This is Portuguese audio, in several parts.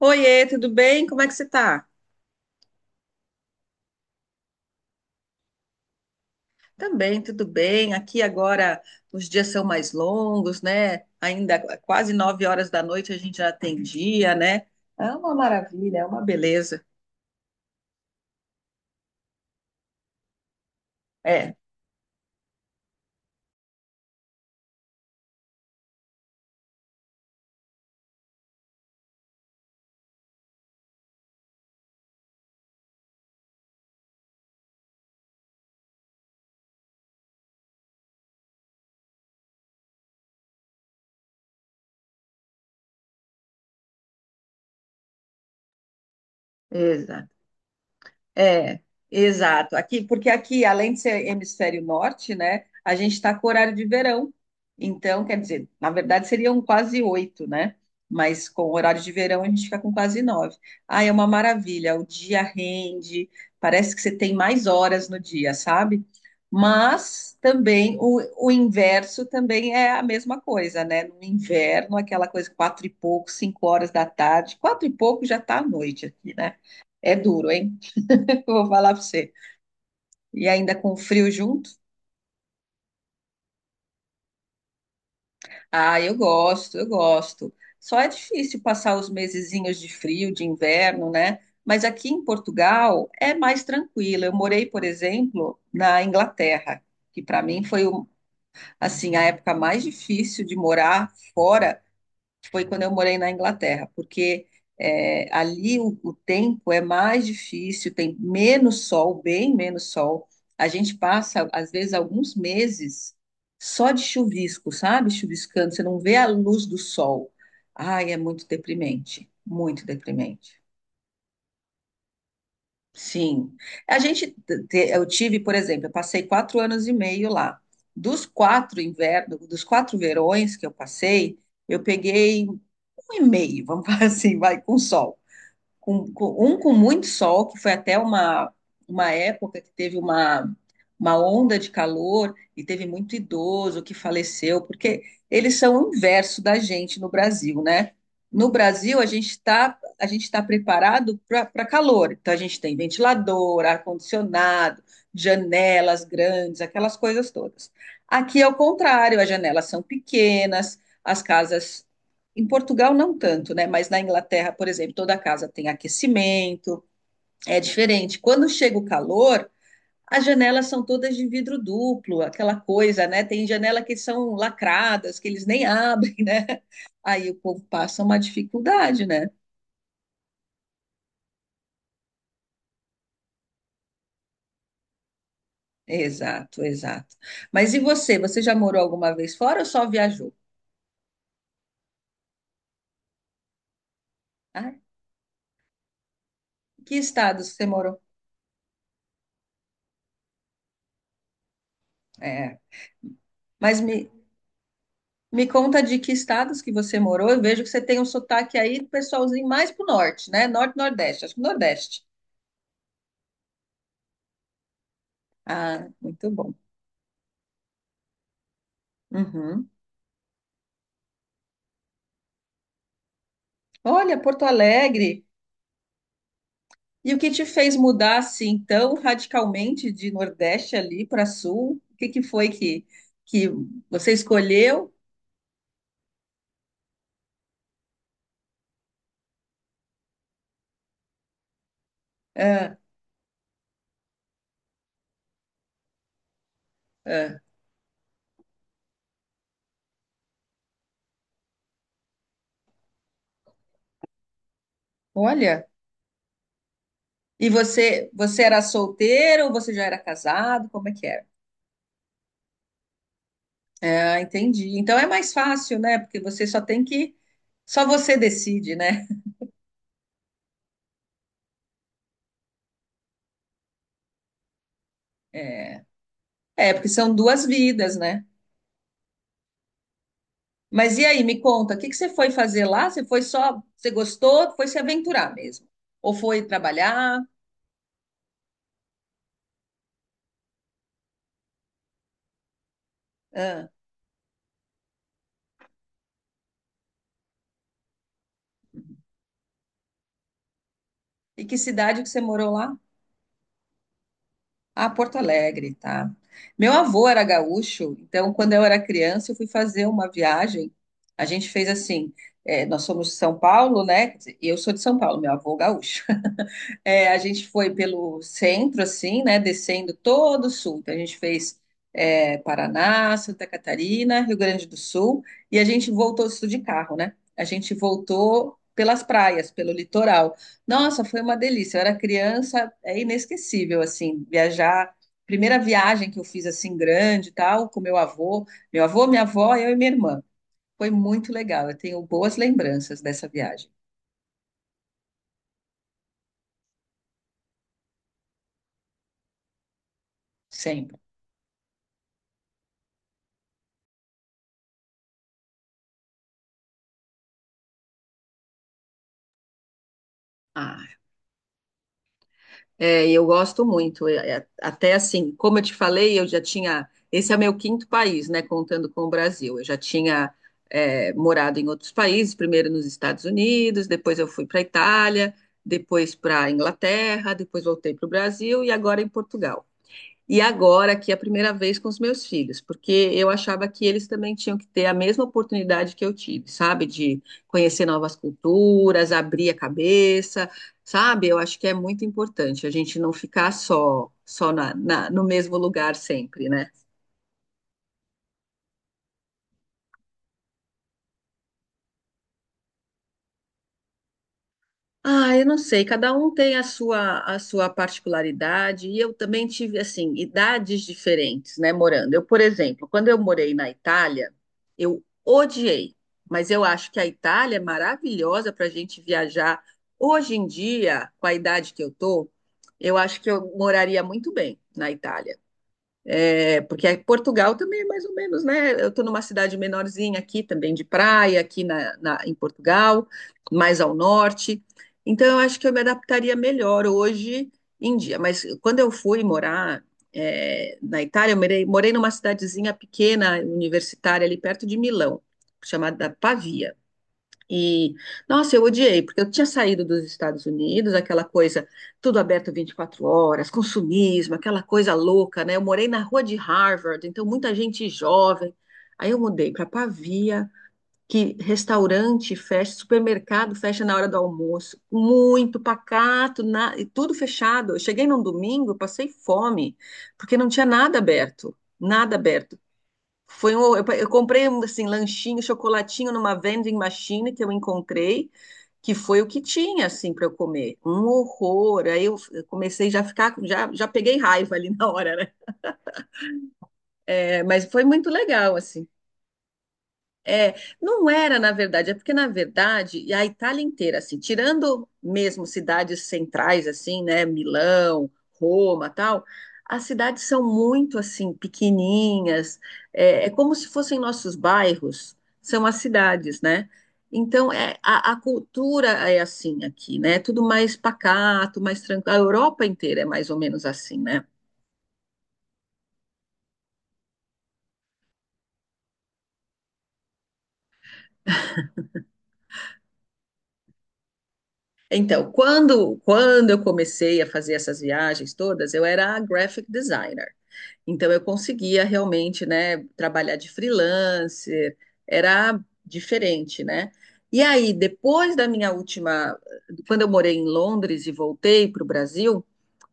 Oiê, tudo bem? Como é que você tá? Também, tudo bem. Aqui agora os dias são mais longos, né? Ainda quase 9 horas da noite a gente já tem dia, né? É uma maravilha, é uma beleza. É, exato. É, exato. Aqui, porque aqui, além de ser hemisfério norte, né, a gente está com horário de verão. Então, quer dizer, na verdade seriam quase 8, né? Mas com o horário de verão a gente fica com quase 9. Ah, é uma maravilha. O dia rende, parece que você tem mais horas no dia, sabe? Mas também o, inverso também é a mesma coisa, né? No inverno, aquela coisa 4 e pouco, 5 horas da tarde, 4 e pouco já está à noite aqui, né? É duro, hein? Vou falar pra você. E ainda com frio junto? Ah, eu gosto, eu gosto. Só é difícil passar os mesezinhos de frio, de inverno, né? Mas aqui em Portugal é mais tranquilo. Eu morei, por exemplo, na Inglaterra, que para mim foi um- assim a época mais difícil de morar fora foi quando eu morei na Inglaterra, porque ali o, tempo é mais difícil, tem menos sol, bem menos sol. A gente passa, às vezes, alguns meses só de chuvisco, sabe? Chuviscando, você não vê a luz do sol. Ai, é muito deprimente, muito deprimente. Sim. A gente, eu tive, por exemplo, eu passei 4 anos e meio lá. Dos 4 invernos, dos 4 verões que eu passei, eu peguei um e meio, vamos falar assim, vai, com sol com muito sol, que foi até uma, época que teve uma onda de calor e teve muito idoso que faleceu, porque eles são o inverso da gente no Brasil, né? No Brasil, a gente está preparado para calor. Então, a gente tem ventilador, ar-condicionado, janelas grandes, aquelas coisas todas. Aqui é o contrário, as janelas são pequenas, as casas em Portugal não tanto, né? Mas na Inglaterra, por exemplo, toda casa tem aquecimento, é diferente. Quando chega o calor, as janelas são todas de vidro duplo, aquela coisa, né? Tem janela que são lacradas, que eles nem abrem, né? Aí o povo passa uma dificuldade, né? Exato, exato. Mas e você? Você já morou alguma vez fora ou só viajou? Ah, que estados você morou? É, mas me, Me conta de que estados que você morou. Eu vejo que você tem um sotaque aí, pessoalzinho, mais pro norte, né? Norte, Nordeste, acho que Nordeste. Ah, muito bom. Uhum. Olha, Porto Alegre. E o que te fez mudar assim tão radicalmente de Nordeste ali para Sul? O que que foi que você escolheu? Ah, ah, olha. E você era solteiro ou você já era casado? Como é que era? Ah, entendi. Então é mais fácil, né? Porque você só tem que. Só você decide, né? É, porque são duas vidas, né? Mas e aí, me conta, o que que você foi fazer lá? Você foi só. Você gostou? Foi se aventurar mesmo? Ou foi trabalhar? Ah, e que cidade que você morou lá? Ah, Porto Alegre, tá? Meu avô era gaúcho, então quando eu era criança, eu fui fazer uma viagem. A gente fez assim. Nós somos de São Paulo, né? Quer dizer, eu sou de São Paulo, meu avô gaúcho. É, a gente foi pelo centro, assim, né? Descendo todo o sul. Então, a gente fez é, Paraná, Santa Catarina, Rio Grande do Sul, e a gente voltou isso de carro, né? A gente voltou pelas praias, pelo litoral. Nossa, foi uma delícia. Eu era criança, é inesquecível, assim, viajar. Primeira viagem que eu fiz, assim, grande e tal, com meu avô, minha avó, eu e minha irmã. Foi muito legal. Eu tenho boas lembranças dessa viagem, sempre. Ah, e eu gosto muito. Até assim, como eu te falei, eu já tinha. Esse é meu quinto país, né? Contando com o Brasil. Eu já tinha morado em outros países, primeiro nos Estados Unidos, depois eu fui para a Itália, depois para a Inglaterra, depois voltei para o Brasil e agora em Portugal. E agora aqui é a primeira vez com os meus filhos, porque eu achava que eles também tinham que ter a mesma oportunidade que eu tive, sabe? De conhecer novas culturas, abrir a cabeça, sabe? Eu acho que é muito importante a gente não ficar só, no mesmo lugar sempre, né? Ah, eu não sei, cada um tem a sua particularidade, e eu também tive, assim, idades diferentes, né, morando. Eu, por exemplo, quando eu morei na Itália, eu odiei, mas eu acho que a Itália é maravilhosa para a gente viajar. Hoje em dia, com a idade que eu tô, eu acho que eu moraria muito bem na Itália. É, porque Portugal também é mais ou menos, né? Eu estou numa cidade menorzinha aqui também de praia, aqui em Portugal, mais ao norte. Então, eu acho que eu me adaptaria melhor hoje em dia. Mas quando eu fui morar, na Itália, eu morei numa cidadezinha pequena, universitária, ali perto de Milão, chamada Pavia. E, nossa, eu odiei, porque eu tinha saído dos Estados Unidos, aquela coisa, tudo aberto 24 horas, consumismo, aquela coisa louca, né? Eu morei na rua de Harvard, então muita gente jovem. Aí eu mudei para Pavia, que restaurante fecha, supermercado fecha na hora do almoço, muito pacato, e tudo fechado. Eu cheguei num domingo, passei fome, porque não tinha nada aberto, nada aberto. Eu comprei assim lanchinho, chocolatinho numa vending machine que eu encontrei, que foi o que tinha assim para eu comer. Um horror. Aí eu comecei já a ficar, já, já peguei raiva ali na hora, né? É, mas foi muito legal assim. É, não era, na verdade, é porque, na verdade, e a Itália inteira, assim, tirando mesmo cidades centrais, assim, né, Milão, Roma, tal, as cidades são muito, assim, pequenininhas, é como se fossem nossos bairros, são as cidades, né? Então, a, cultura é assim aqui, né? Tudo mais pacato, mais tranquilo. A Europa inteira é mais ou menos assim, né? Então, quando eu comecei a fazer essas viagens todas, eu era graphic designer. Então eu conseguia realmente, né, trabalhar de freelancer, era diferente, né? E aí, depois da minha última, quando eu morei em Londres e voltei para o Brasil,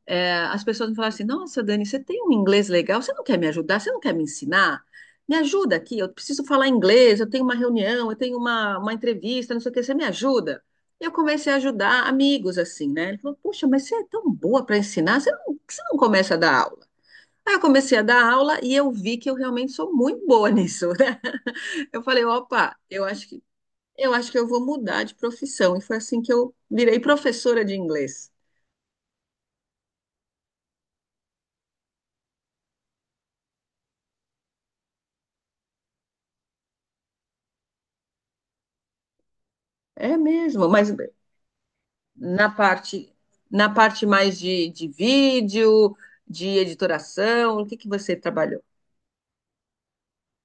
as pessoas me falaram assim: Nossa, Dani, você tem um inglês legal, você não quer me ajudar? Você não quer me ensinar? Me ajuda aqui, eu preciso falar inglês, eu tenho uma reunião, eu tenho uma, entrevista, não sei o que, você me ajuda? E eu comecei a ajudar amigos assim, né? Ele falou: Puxa, mas você é tão boa para ensinar, você não, por que você não começa a dar aula? Aí eu comecei a dar aula e eu vi que eu realmente sou muito boa nisso, né? Eu falei, opa, eu acho que eu vou mudar de profissão. E foi assim que eu virei professora de inglês. É mesmo, mas na parte na parte mais de, vídeo, de editoração, o que que você trabalhou?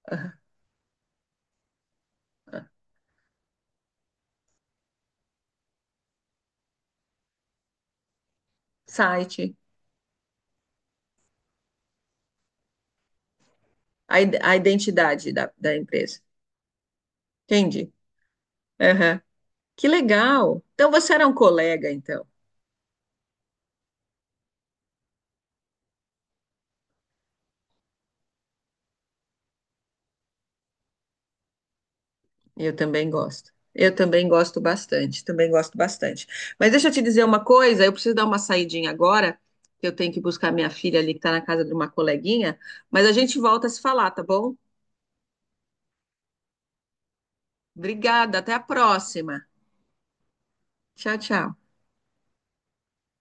Site, a identidade da empresa. Entendi. Aham. Que legal. Então você era um colega, então? Eu também gosto. Eu também gosto bastante, também gosto bastante. Mas deixa eu te dizer uma coisa, eu preciso dar uma saidinha agora, que eu tenho que buscar minha filha ali que está na casa de uma coleguinha, mas a gente volta a se falar, tá bom? Obrigada, até a próxima. Tchau, tchau.